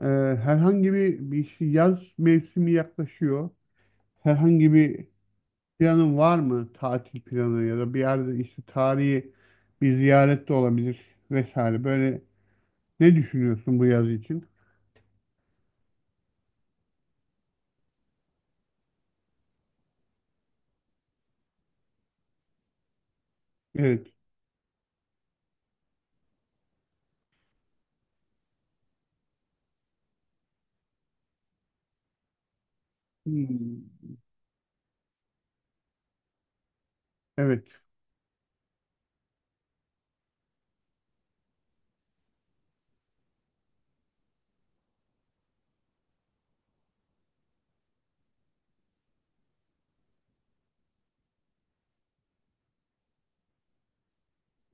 Ee, herhangi bir, yaz mevsimi yaklaşıyor. Herhangi bir planın var mı? Tatil planı ya da bir yerde işte tarihi bir ziyaret de olabilir vesaire. Böyle ne düşünüyorsun bu yaz için? Evet. Hmm. Evet.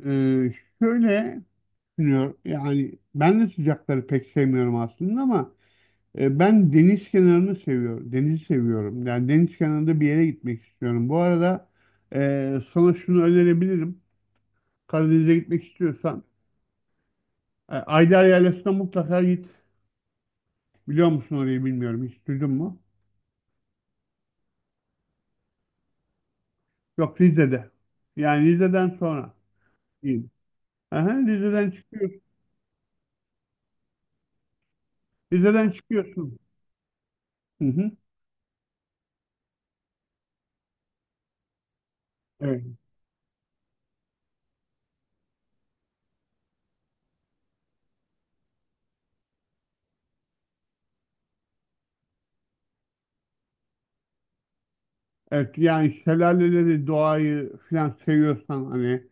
Ee, Şöyle düşünüyorum. Yani ben de sıcakları pek sevmiyorum aslında ama ben deniz kenarını seviyorum. Denizi seviyorum. Yani deniz kenarında bir yere gitmek istiyorum. Bu arada sana şunu önerebilirim. Karadeniz'e gitmek istiyorsan Ayder Yaylası'na mutlaka git. Biliyor musun orayı, bilmiyorum. Hiç duydun mu? Yok, Rize'de. Yani Rize'den sonra. Değil. Aha, Rize'den çıkıyorsun. Rize'den çıkıyorsun. Hı hı. Evet. Evet, yani şelaleleri, doğayı filan seviyorsan, hani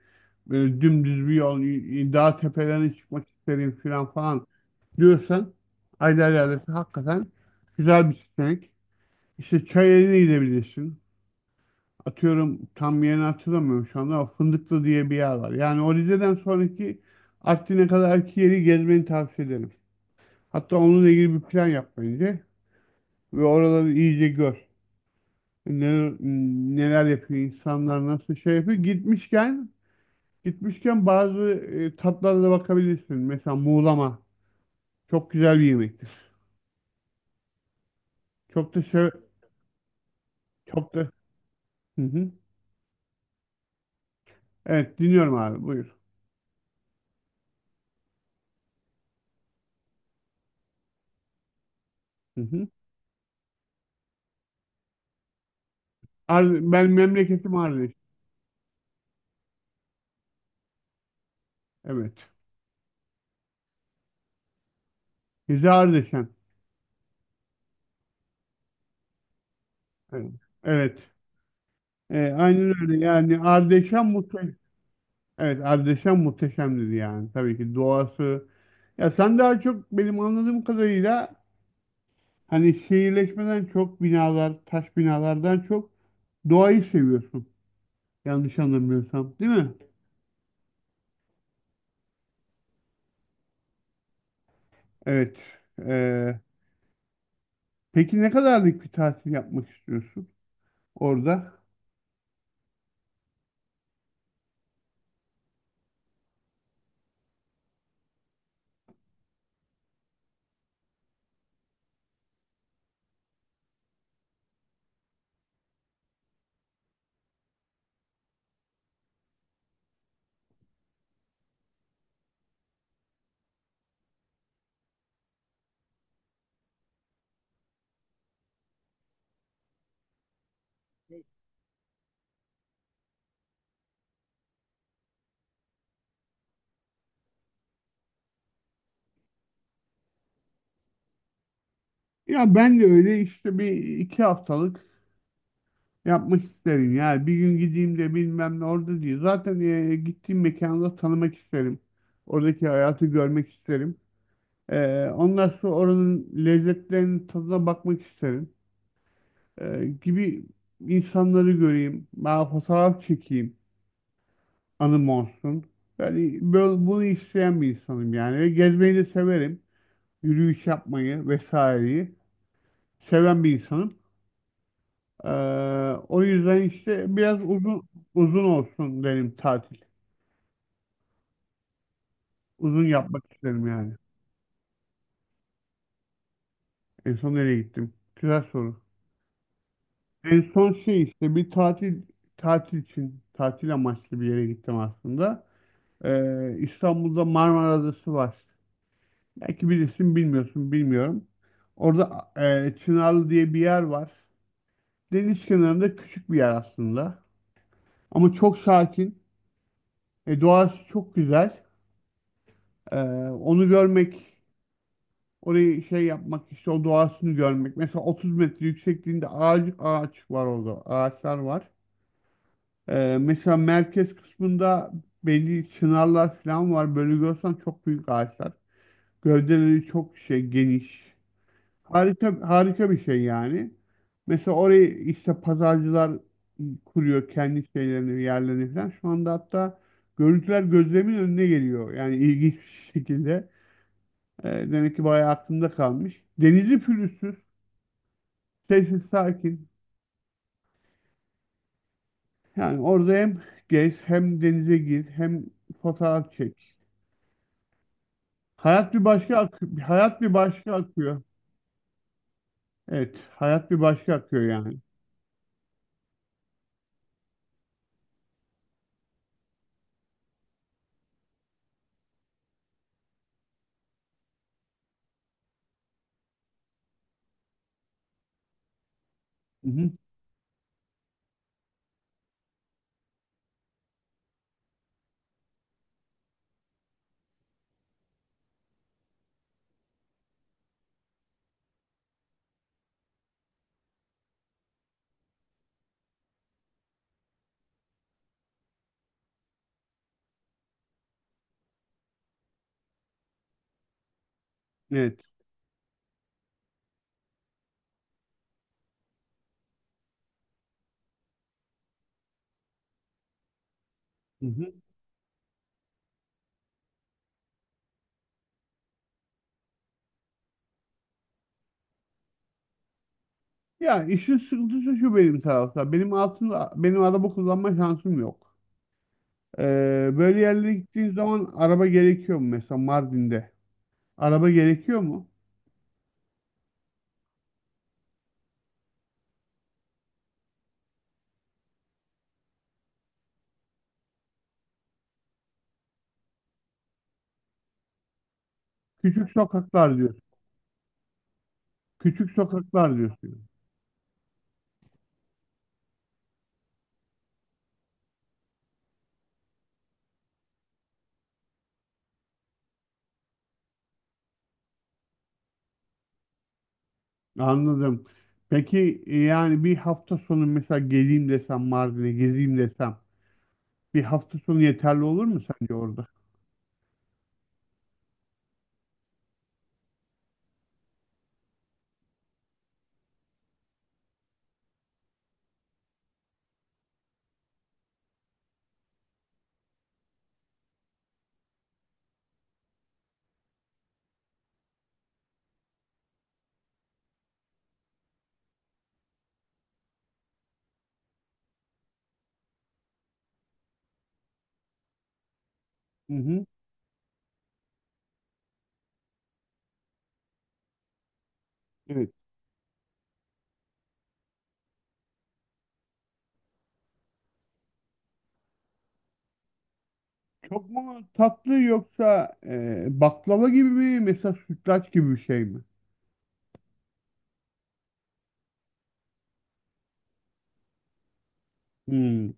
böyle dümdüz bir yol, dağ tepelerine çıkmak isterim filan falan diyorsan, Ayder Yaylası hakikaten güzel bir seçenek. İşte Çayeli'ne gidebilirsin. Atıyorum, tam yerini hatırlamıyorum şu anda ama Fındıklı diye bir yer var. Yani o Rize'den sonraki Artvin'e kadarki yeri gezmeni tavsiye ederim. Hatta onunla ilgili bir plan yap bence ve oraları iyice gör. Neler, neler yapıyor insanlar, nasıl şey yapıyor. Gitmişken bazı tatlara da bakabilirsin. Mesela muğlama çok güzel bir yemektir. Çok da sev, çok da... Hı hı. Evet, dinliyorum abi, buyur. Hı hı. Ben memleketim Ardeş. Evet. Rize Ardeşen. Evet. Evet. E, aynen öyle. Yani Ardeşen muhteşem. Evet, Ardeşen muhteşemdir yani. Tabii ki doğası. Ya sen daha çok benim anladığım kadarıyla hani şehirleşmeden çok binalar, taş binalardan çok doğayı seviyorsun. Yanlış anlamıyorsam, değil mi? Evet. E, peki ne kadarlık bir tatil yapmak istiyorsun orada? Ya ben de öyle işte bir iki haftalık yapmak isterim yani, bir gün gideyim de bilmem ne orada diye. Zaten gittiğim mekanı da tanımak isterim. Oradaki hayatı görmek isterim. E, ondan sonra oranın lezzetlerinin tadına bakmak isterim. E, gibi insanları göreyim. Ben fotoğraf çekeyim. Anım olsun. Yani böyle, bunu isteyen bir insanım yani. Ve gezmeyi de severim. Yürüyüş yapmayı vesaireyi seven bir insanım. E, o yüzden işte biraz uzun olsun benim tatil. Uzun yapmak isterim yani. En son nereye gittim? Güzel soru. En son şey, işte bir tatil için tatil amaçlı bir yere gittim aslında. İstanbul'da Marmara Adası var. Belki bilirsin, bilmiyorsun, bilmiyorum. Orada Çınarlı diye bir yer var. Deniz kenarında küçük bir yer aslında. Ama çok sakin. E, doğası çok güzel. Ee, onu görmek, orayı şey yapmak, işte o doğasını görmek. Mesela 30 metre yüksekliğinde ağaç var orada. Ağaçlar var. Mesela merkez kısmında belli çınarlar falan var. Böyle görsen çok büyük ağaçlar. Gövdeleri çok şey, geniş. Harika bir şey yani. Mesela orayı işte pazarcılar kuruyor, kendi şeylerini, yerlerini falan. Şu anda hatta görüntüler gözlerimin önüne geliyor. Yani ilginç bir şekilde. Demek ki bayağı aklımda kalmış. Denizi pürüzsüz. Sessiz sakin. Yani orada hem gez, hem denize gir, hem fotoğraf çek. Hayat bir başka akıyor. Hayat bir başka akıyor. Evet. Hayat bir başka akıyor yani. Hı hı. Evet. Hı hı. Ya işin sıkıntısı şu benim tarafta. Benim altında benim araba kullanma şansım yok. Ee, böyle yerlere gittiğin zaman araba gerekiyor mu mesela Mardin'de? Araba gerekiyor mu? Küçük sokaklar diyor. Küçük sokaklar diyor. Anladım. Peki e, yani bir hafta sonu mesela geleyim desem, Mardin'e gezeyim desem, bir hafta sonu yeterli olur mu sence orada? Hı hı. Evet. Çok mu tatlı, yoksa baklava gibi mi, mesela sütlaç gibi bir şey mi? Hmm.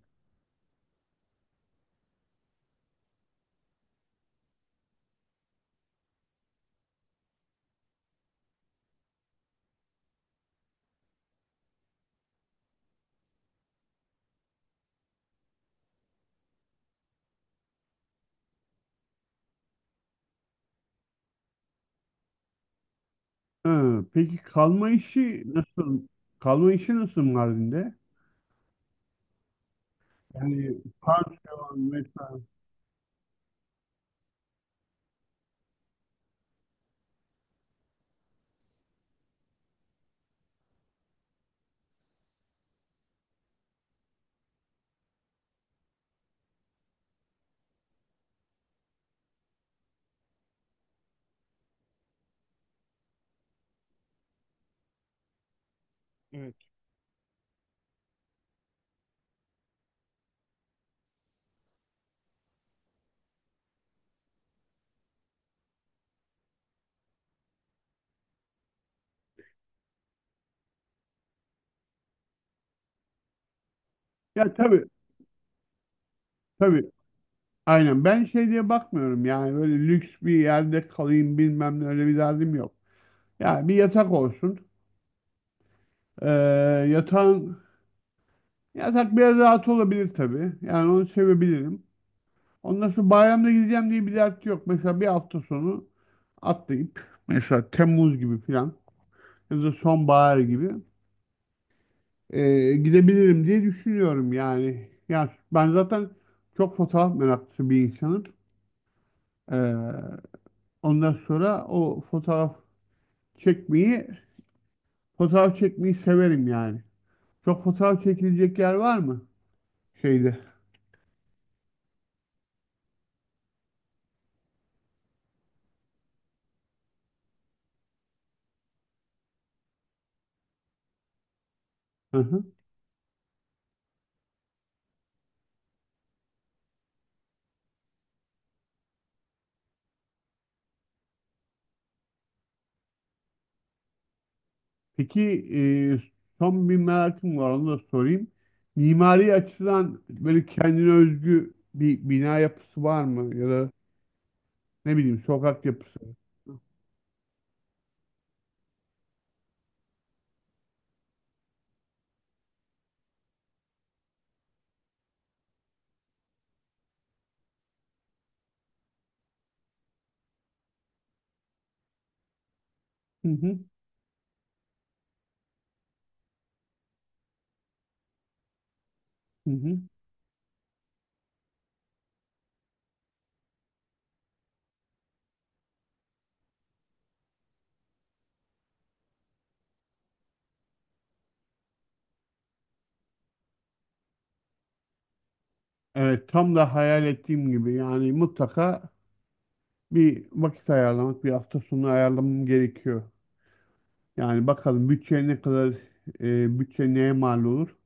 Ha, peki kalma işi nasıl? Kalma işi nasıl Mardin'de? Yani pansiyon mesela. Evet. Ya tabii tabii. Aynen. Ben şey diye bakmıyorum yani, böyle lüks bir yerde kalayım bilmem ne, öyle bir derdim yok. Yani bir yatak olsun. Ee, yatağın yatak biraz rahat olabilir tabii. Yani onu sevebilirim. Ondan sonra bayramda gideceğim diye bir dert yok. Mesela bir hafta sonu atlayıp mesela Temmuz gibi falan ya da sonbahar gibi, gidebilirim diye düşünüyorum yani. Yani ben zaten çok fotoğraf meraklısı bir insanım. Ee, ondan sonra o çekmeyi fotoğraf çekmeyi severim yani. Çok fotoğraf çekilecek yer var mı şeyde? Hı hı. Peki e, son bir merakım var, onu da sorayım. Mimari açıdan böyle kendine özgü bir bina yapısı var mı? Ya da ne bileyim, sokak yapısı. Hı hı, hı hı. Evet, tam da hayal ettiğim gibi yani, mutlaka bir vakit ayarlamak, bir hafta sonu ayarlamam gerekiyor. Yani bakalım bütçe ne kadar, bütçe neye mal olur?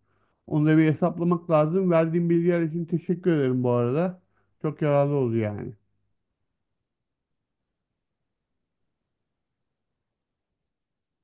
Onu da bir hesaplamak lazım. Verdiğin bilgiler için teşekkür ederim bu arada. Çok yararlı oldu yani.